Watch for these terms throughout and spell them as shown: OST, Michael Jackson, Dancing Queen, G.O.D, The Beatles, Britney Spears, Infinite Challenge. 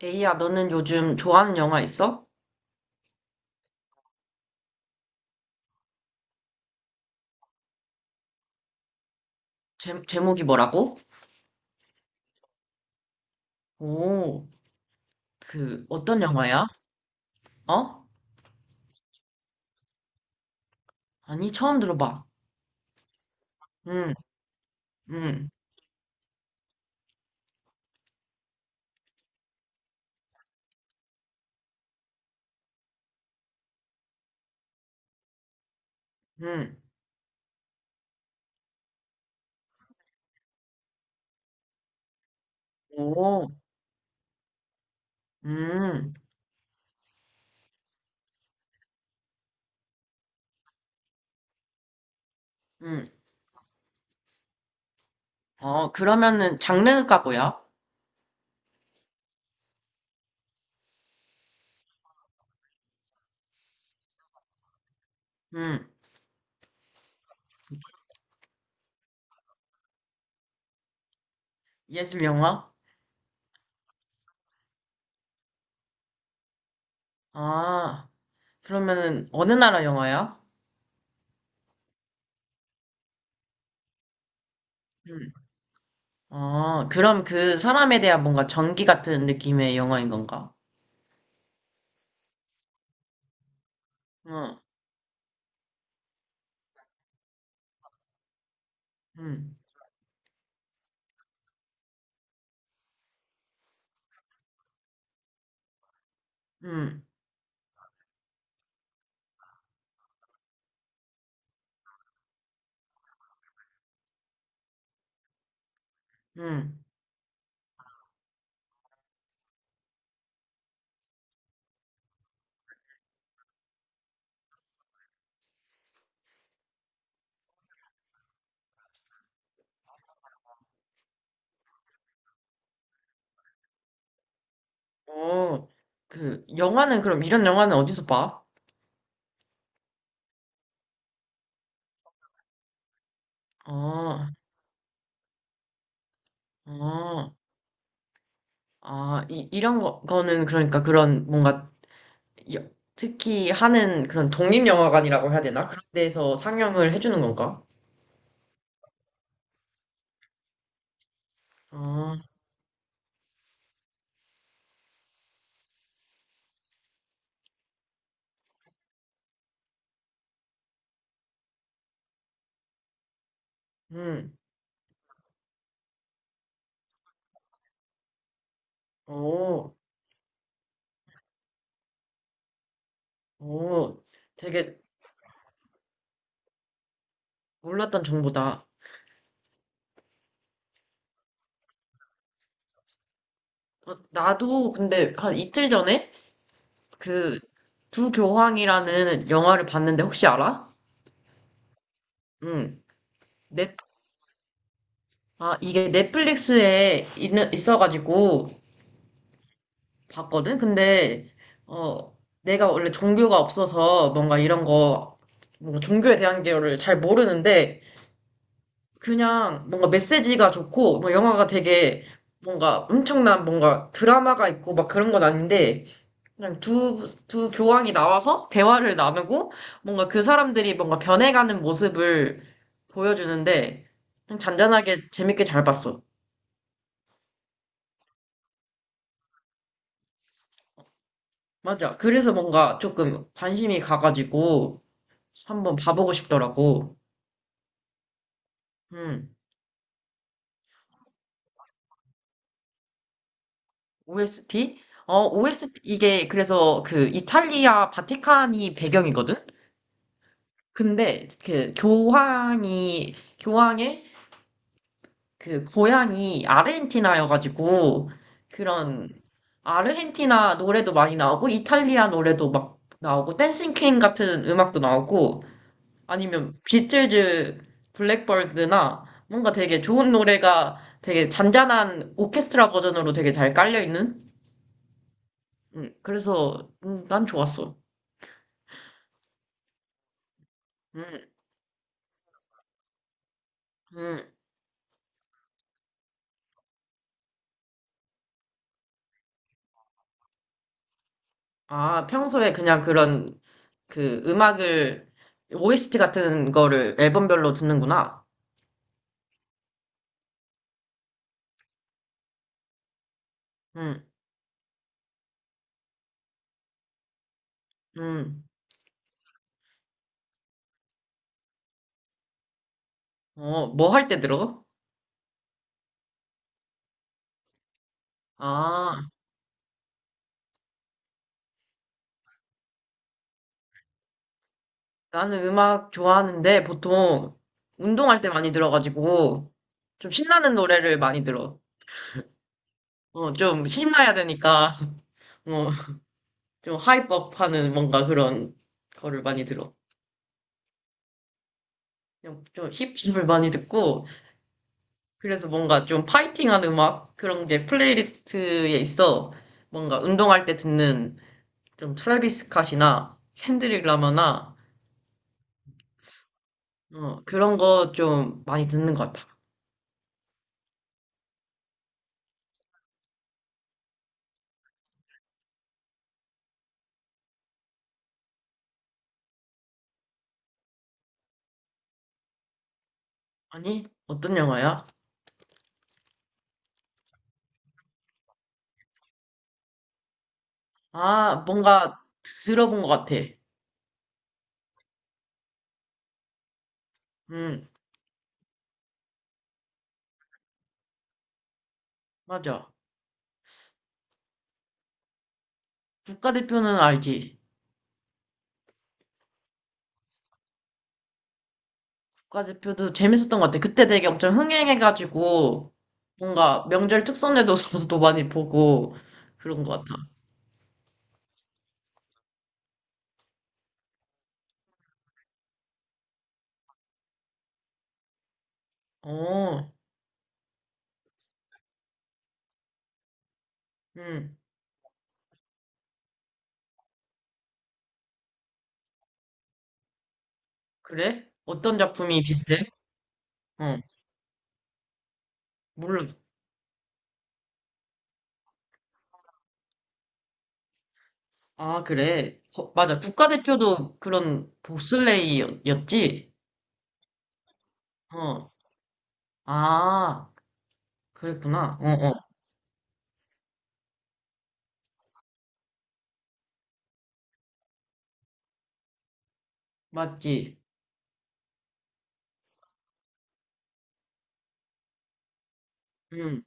에이야, 너는 요즘 좋아하는 영화 있어? 제목이 뭐라고? 오, 그, 어떤 영화야? 어? 아니, 처음 들어봐. 응, 응, 응. 오, 음, 음. 어, 그러면은 장르가 뭐야? 음, 예술 영화? 아, 그러면은 어느 나라 영화야? 음. 아, 그럼 그 사람에 대한 뭔가 전기 같은 느낌의 영화인 건가? 응, 응, 응, 응. 어, 그, 영화는 그럼 이런 영화는 어디서 봐? 아, 아, 아, 이런 거는 그러니까 그런 뭔가 여- 특히 하는 그런 독립영화관이라고 해야 되나? 그런 데서 상영을 해주는 건가? 아, 음, 오, 오, 되게 몰랐던 정보다. 어, 나도 근데 한 이틀 전에 그 두 교황이라는 영화를 봤는데 혹시 알아? 응, 넷, 아, 이게 넷플릭스에 있어가지고 봤거든? 근데, 어, 내가 원래 종교가 없어서 뭔가 이런 거, 뭔가 종교에 대한 거를 잘 모르는데, 그냥 뭔가 메시지가 좋고, 뭐 영화가 되게 뭔가 엄청난 뭔가 드라마가 있고 막 그런 건 아닌데, 그냥 두 교황이 나와서 대화를 나누고, 뭔가 그 사람들이 뭔가 변해가는 모습을 보여주는데, 그냥 잔잔하게 재밌게 잘 봤어. 맞아. 그래서 뭔가 조금 관심이 가가지고, 한번 봐보고 싶더라고. 음, OST? 어, OST, 이게 그래서 그 이탈리아 바티칸이 배경이거든? 근데 그 교황의 그 고향이 아르헨티나여가지고 그런 아르헨티나 노래도 많이 나오고 이탈리아 노래도 막 나오고 댄싱 퀸 같은 음악도 나오고 아니면 비틀즈 블랙버드나 뭔가 되게 좋은 노래가 되게 잔잔한 오케스트라 버전으로 되게 잘 깔려있는? 그래서 난 좋았어. 음, 음. 아, 평소에 그냥 그런 그 음악을 OST 같은 거를 앨범별로 듣는구나. 음, 음. 어, 뭐 할 때 들어? 아, 나는 음악 좋아하는데 보통 운동할 때 많이 들어가지고 좀 신나는 노래를 많이 들어. 어, 좀 신나야 되니까, 어, 좀 하이법 하는 뭔가 그런 거를 많이 들어. 그냥 좀 힙합을 많이 듣고, 그래서 뭔가 좀 파이팅하는 음악? 그런 게 플레이리스트에 있어. 뭔가 운동할 때 듣는 좀 트래비스 스캇이나 켄드릭 라마나, 그런 거 좀 많이 듣는 것 같아. 아니, 어떤 영화야? 아, 뭔가 들어본 것 같아. 음, 맞아. 국가대표는 알지. 국가대표도 재밌었던 것 같아. 그때 되게 엄청 흥행해가지고, 뭔가 명절 특선에도 많이 보고, 그런 것 같아. 어, 음, 그래? 어떤 작품이 비슷해? 어, 몰라. 아, 그래. 맞아. 국가대표도 그런 보슬레이였지. 어, 아, 그랬구나. 어, 어, 맞지. 음,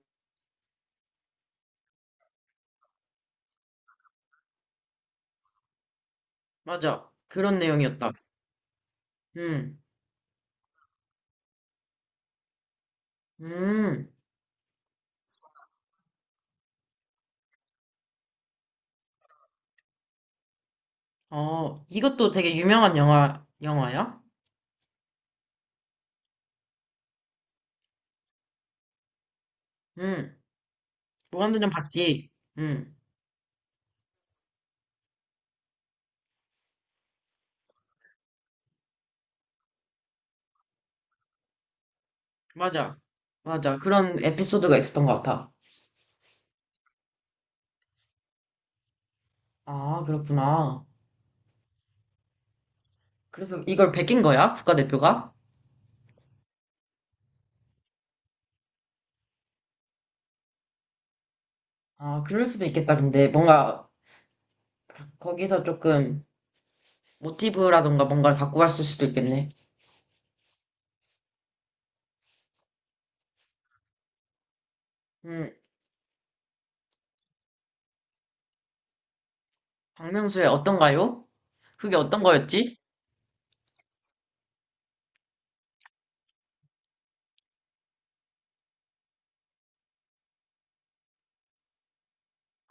맞아. 그런 내용이었다. 음, 음, 어, 이것도 되게 유명한 영화야? 음. 무한도전 봤지? 응, 맞아. 맞아. 그런 에피소드가 있었던 것 같아. 아, 그렇구나. 그래서 이걸 베낀 거야? 국가대표가? 아, 그럴 수도 있겠다. 근데 뭔가 거기서 조금 모티브라던가 뭔가를 갖고 갔을 수도 있겠네. 음, 박명수의 어떤가요? 그게 어떤 거였지?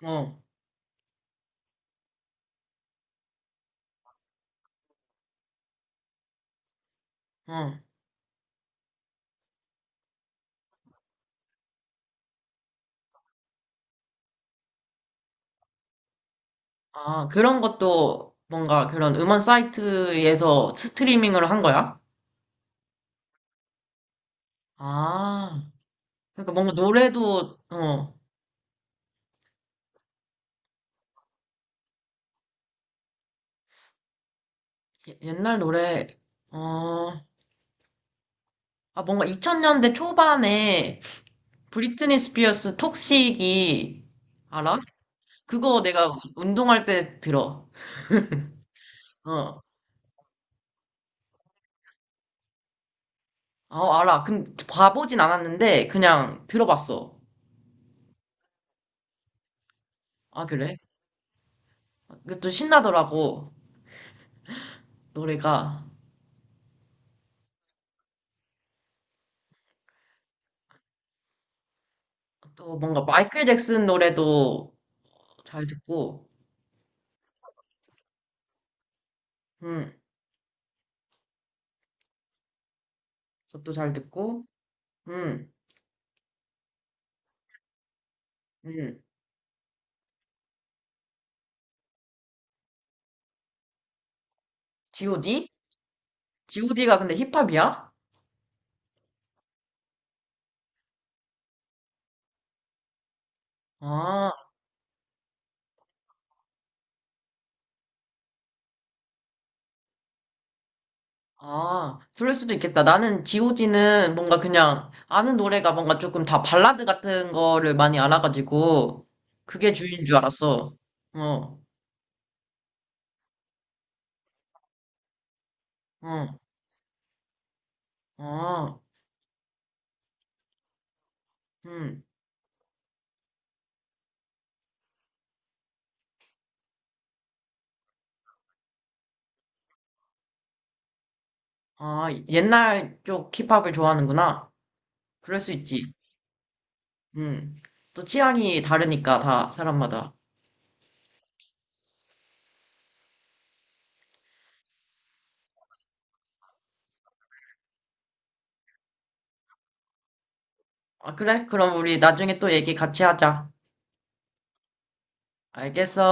어, 어. 아, 그런 것도 뭔가 그런 음원 사이트에서 스트리밍을 한 거야? 아, 그러니까 뭔가 노래도, 예- 옛날 노래, 어, 아, 뭔가 2000년대 초반에 브리트니 스피어스 톡식이, 알아? 그거 내가 운동할 때 들어. 어, 어, 알아. 근 봐보진 않았는데, 그냥 들어봤어. 아, 그래? 그것도 신나더라고, 노래가. 또 뭔가 마이클 잭슨 노래도 잘 듣고, 음, 그것도 잘 듣고, 음, 음. G.O.D? G.O.D가 근데 힙합이야? 아. 아, 그럴 수도 있겠다. 나는 GOD는 뭔가 그냥 아는 노래가 뭔가 조금 다 발라드 같은 거를 많이 알아가지고 그게 주인 줄 알았어. 어, 어, 아, 음, 아, 옛날 쪽 힙합을 좋아하는구나. 그럴 수 있지. 음, 또 취향이 다르니까 다 사람마다. 아, 그래? 그럼 우리 나중에 또 얘기 같이 하자. 알겠어.